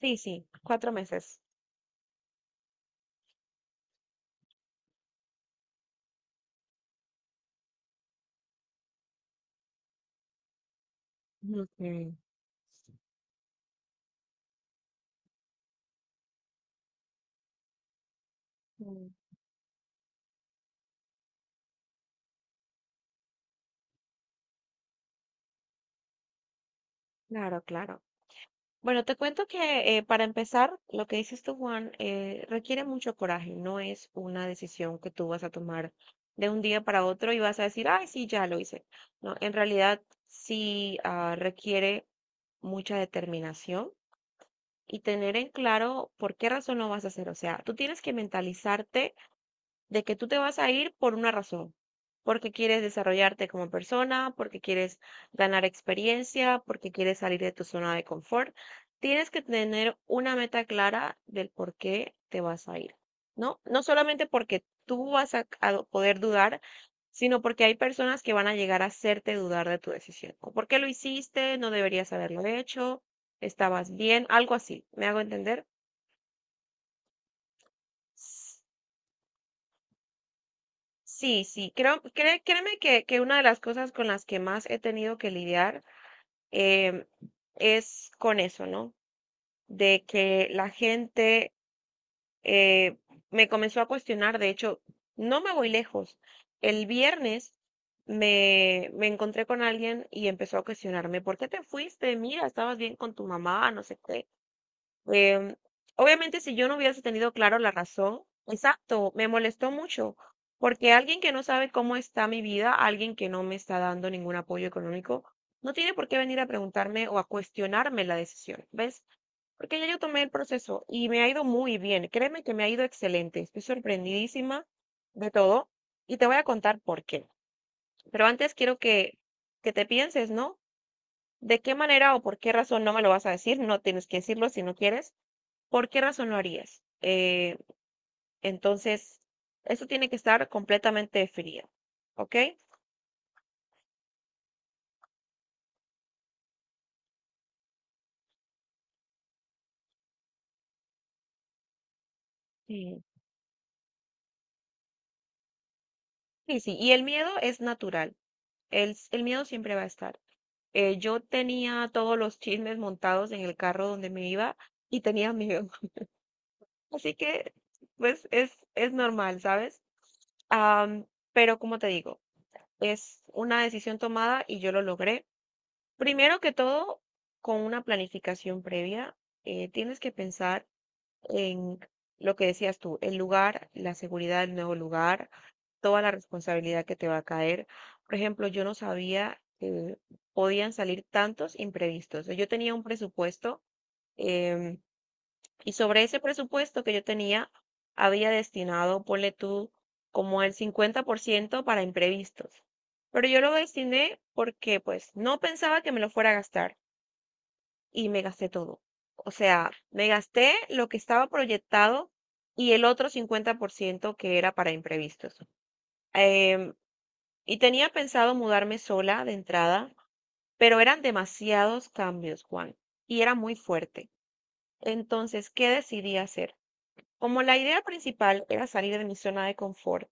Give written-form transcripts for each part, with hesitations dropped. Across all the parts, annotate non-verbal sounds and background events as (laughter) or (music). Sí, sí, cuatro meses. Ok. Mm. Claro, claro. Bueno, te cuento que para empezar, lo que dices tú, Juan, requiere mucho coraje. No es una decisión que tú vas a tomar de un día para otro y vas a decir, ay, sí, ya lo hice. No, en realidad sí, requiere mucha determinación y tener en claro por qué razón lo vas a hacer. O sea, tú tienes que mentalizarte de que tú te vas a ir por una razón, porque quieres desarrollarte como persona, porque quieres ganar experiencia, porque quieres salir de tu zona de confort. Tienes que tener una meta clara del por qué te vas a ir, ¿no? No solamente porque tú vas a poder dudar, sino porque hay personas que van a llegar a hacerte dudar de tu decisión. O por qué lo hiciste, no deberías haberlo hecho, estabas bien, algo así. ¿Me hago entender? Sí, sí, créeme que una de las cosas con las que más he tenido que lidiar em, es con eso, ¿no? De que la gente eh, me comenzó a cuestionar. De hecho, no me voy lejos. El viernes me encontré con alguien y empezó a cuestionarme, ¿por qué te fuiste? Mira, estabas bien con tu mamá, no sé qué. Em, Obviamente, si yo no hubiese tenido claro la razón, exacto, me molestó mucho, porque alguien que no sabe cómo está mi vida, alguien que no me está dando ningún apoyo económico, no tiene por qué venir a preguntarme o a cuestionarme la decisión, ¿ves? Porque ya yo tomé el proceso y me ha ido muy bien, créeme que me ha ido excelente, estoy sorprendidísima de todo, y te voy a contar por qué. Pero antes quiero que te pienses, ¿no? ¿De qué manera o por qué razón no me lo vas a decir? No tienes que decirlo si no quieres. ¿Por qué razón lo harías? Entonces, eso tiene que estar completamente definido, ¿ok? Sí. Sí, sí, y el miedo es natural. El miedo siempre va a estar. Yo tenía todos los chismes montados en el carro donde me iba y tenía miedo, (laughs) así que pues es normal, ¿sabes? Am, pero como te digo, es una decisión tomada y yo lo logré. Primero que todo, con una planificación previa. Tienes que pensar en lo que decías tú, el lugar, la seguridad del nuevo lugar, toda la responsabilidad que te va a caer. Por ejemplo, yo no sabía que podían salir tantos imprevistos. Yo tenía un presupuesto, em, y sobre ese presupuesto que yo tenía, había destinado, ponle tú, como el 50% para imprevistos. Pero yo lo destiné porque pues no pensaba que me lo fuera a gastar, y me gasté todo. O sea, me gasté lo que estaba proyectado y el otro 50% que era para imprevistos. Em, y tenía pensado mudarme sola de entrada, pero eran demasiados cambios, Juan, y era muy fuerte. Entonces, ¿qué decidí hacer? Como la idea principal era salir de mi zona de confort,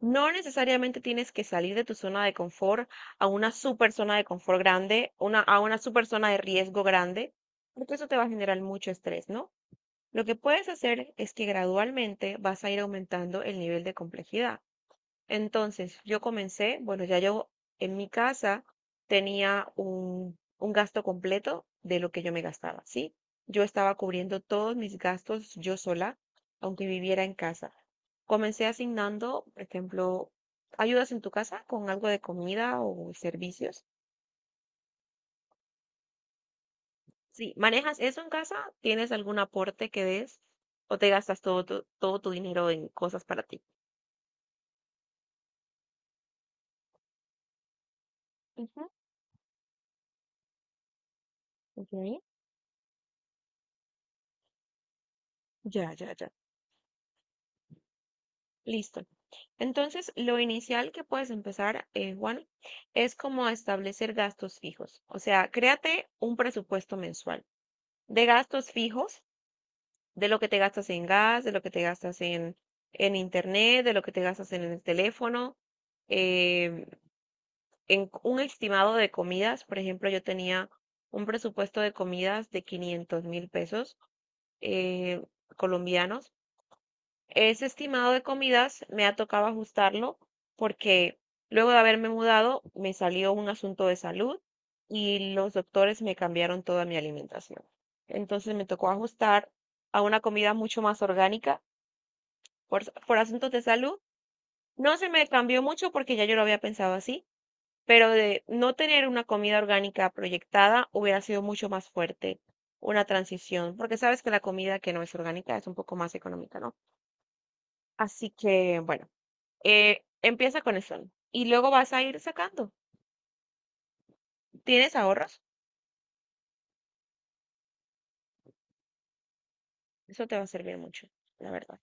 no necesariamente tienes que salir de tu zona de confort a una super zona de confort grande, a una super zona de riesgo grande, porque eso te va a generar mucho estrés, ¿no? Lo que puedes hacer es que gradualmente vas a ir aumentando el nivel de complejidad. Entonces, yo comencé, bueno, ya yo en mi casa tenía un gasto completo de lo que yo me gastaba, ¿sí? Yo estaba cubriendo todos mis gastos yo sola, aunque viviera en casa. Comencé asignando, por ejemplo, ayudas en tu casa con algo de comida o servicios. Si manejas eso en casa, ¿tienes algún aporte que des o te gastas todo tu dinero en cosas para ti? Ujú, ok. Ya, ya, ya. Listo. Entonces, lo inicial que puedes empezar, Juan, es como establecer gastos fijos. O sea, créate un presupuesto mensual de gastos fijos, de lo que te gastas en gas, de lo que te gastas en internet, de lo que te gastas en el teléfono, eh, en un estimado de comidas. Por ejemplo, yo tenía un presupuesto de comidas de 500.000 pesos eh, colombianos. Ese estimado de comidas me ha tocado ajustarlo porque luego de haberme mudado me salió un asunto de salud y los doctores me cambiaron toda mi alimentación. Entonces me tocó ajustar a una comida mucho más orgánica por asuntos de salud. No se me cambió mucho porque ya yo lo había pensado así, pero de no tener una comida orgánica proyectada hubiera sido mucho más fuerte una transición, porque sabes que la comida que no es orgánica es un poco más económica, ¿no? Así que, bueno. Empieza con eso, ¿no? Y luego vas a ir sacando. ¿Tienes ahorros? Eso te va a servir mucho, la verdad.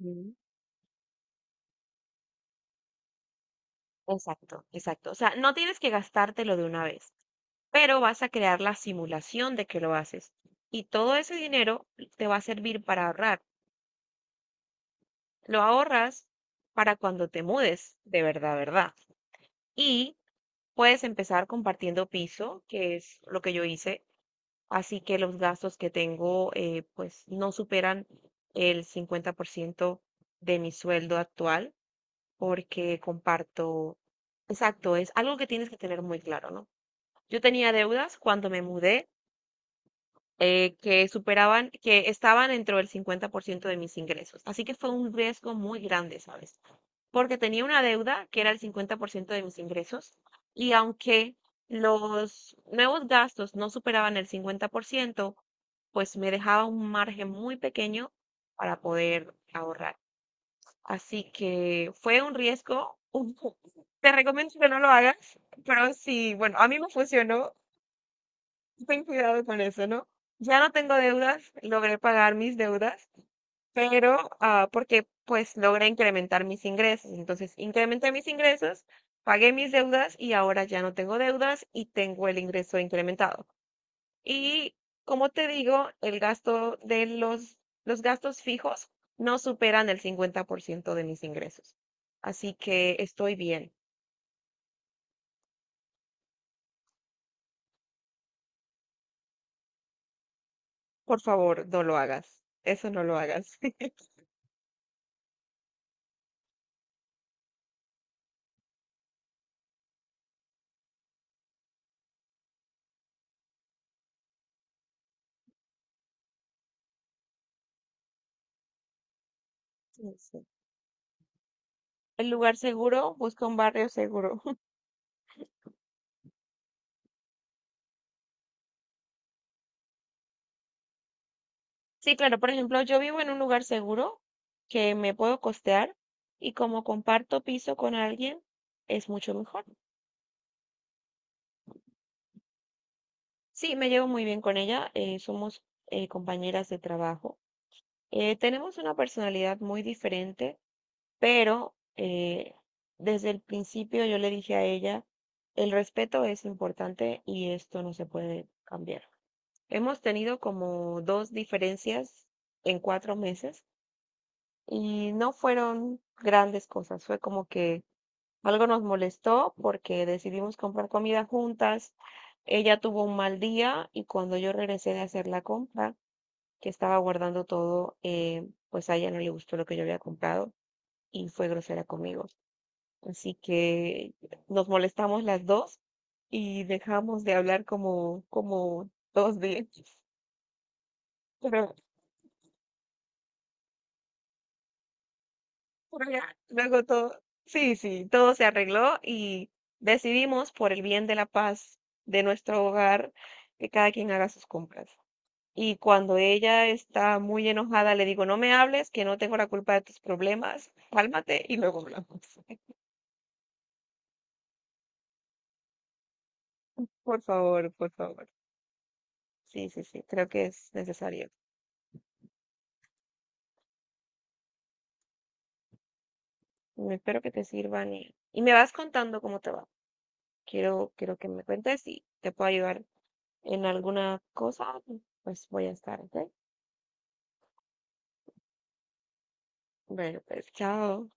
Mm. Exacto, exacto. O sea, no tienes que gastártelo de una vez, pero vas a crear la simulación de que lo haces. Y todo ese dinero te va a servir para ahorrar. Lo ahorras para cuando te mudes, de verdad, verdad. Y puedes empezar compartiendo piso, que es lo que yo hice. Así que los gastos que tengo, pues no superan el 50% de mi sueldo actual porque comparto, exacto, es algo que tienes que tener muy claro, ¿no? Yo tenía deudas cuando me mudé, que superaban, que estaban dentro del 50% de mis ingresos. Así que fue un riesgo muy grande, ¿sabes? Porque tenía una deuda que era el 50% de mis ingresos, y aunque los nuevos gastos no superaban el 50%, pues me dejaba un margen muy pequeño para poder ahorrar. Así que fue un riesgo. Te recomiendo que no lo hagas, pero sí, bueno, a mí me funcionó. Ten cuidado con eso, ¿no? Ya no tengo deudas, logré pagar mis deudas, pero porque pues logré incrementar mis ingresos. Entonces, incrementé mis ingresos, pagué mis deudas y ahora ya no tengo deudas y tengo el ingreso incrementado. Y como te digo, el gasto de los gastos fijos no superan el 50% de mis ingresos. Así que estoy bien. Por favor, no lo hagas. Eso no lo hagas. (laughs) Sí, sí. El lugar seguro, busca un barrio seguro. Sí, claro, por ejemplo, yo vivo en un lugar seguro que me puedo costear, y como comparto piso con alguien, es mucho mejor. Sí, me llevo muy bien con ella, somos compañeras de trabajo. Tenemos una personalidad muy diferente, pero desde el principio yo le dije a ella, el respeto es importante y esto no se puede cambiar. Hemos tenido como dos diferencias en cuatro meses. Y no fueron grandes cosas, fue como que algo nos molestó porque decidimos comprar comida juntas. Ella tuvo un mal día y cuando yo regresé de hacer la compra, que estaba guardando todo, pues a ella no le gustó lo que yo había comprado y fue grosera conmigo. Así que nos molestamos las dos y dejamos de hablar como dos días. (laughs) Pero por allá. Luego todo, sí, sí, todo se arregló y decidimos por el bien de la paz de nuestro hogar que cada quien haga sus compras. Y cuando ella está muy enojada, le digo, no me hables, que no tengo la culpa de tus problemas, cálmate y luego hablamos. (laughs) Por favor, por favor. Sí, sí, sí, creo que es necesario. Mm. Espero que te sirvan y me vas contando cómo te va. Quiero, quiero que me cuentes si te puedo ayudar en alguna cosa, pues voy a estar, ¿ok? Bueno, pues chao.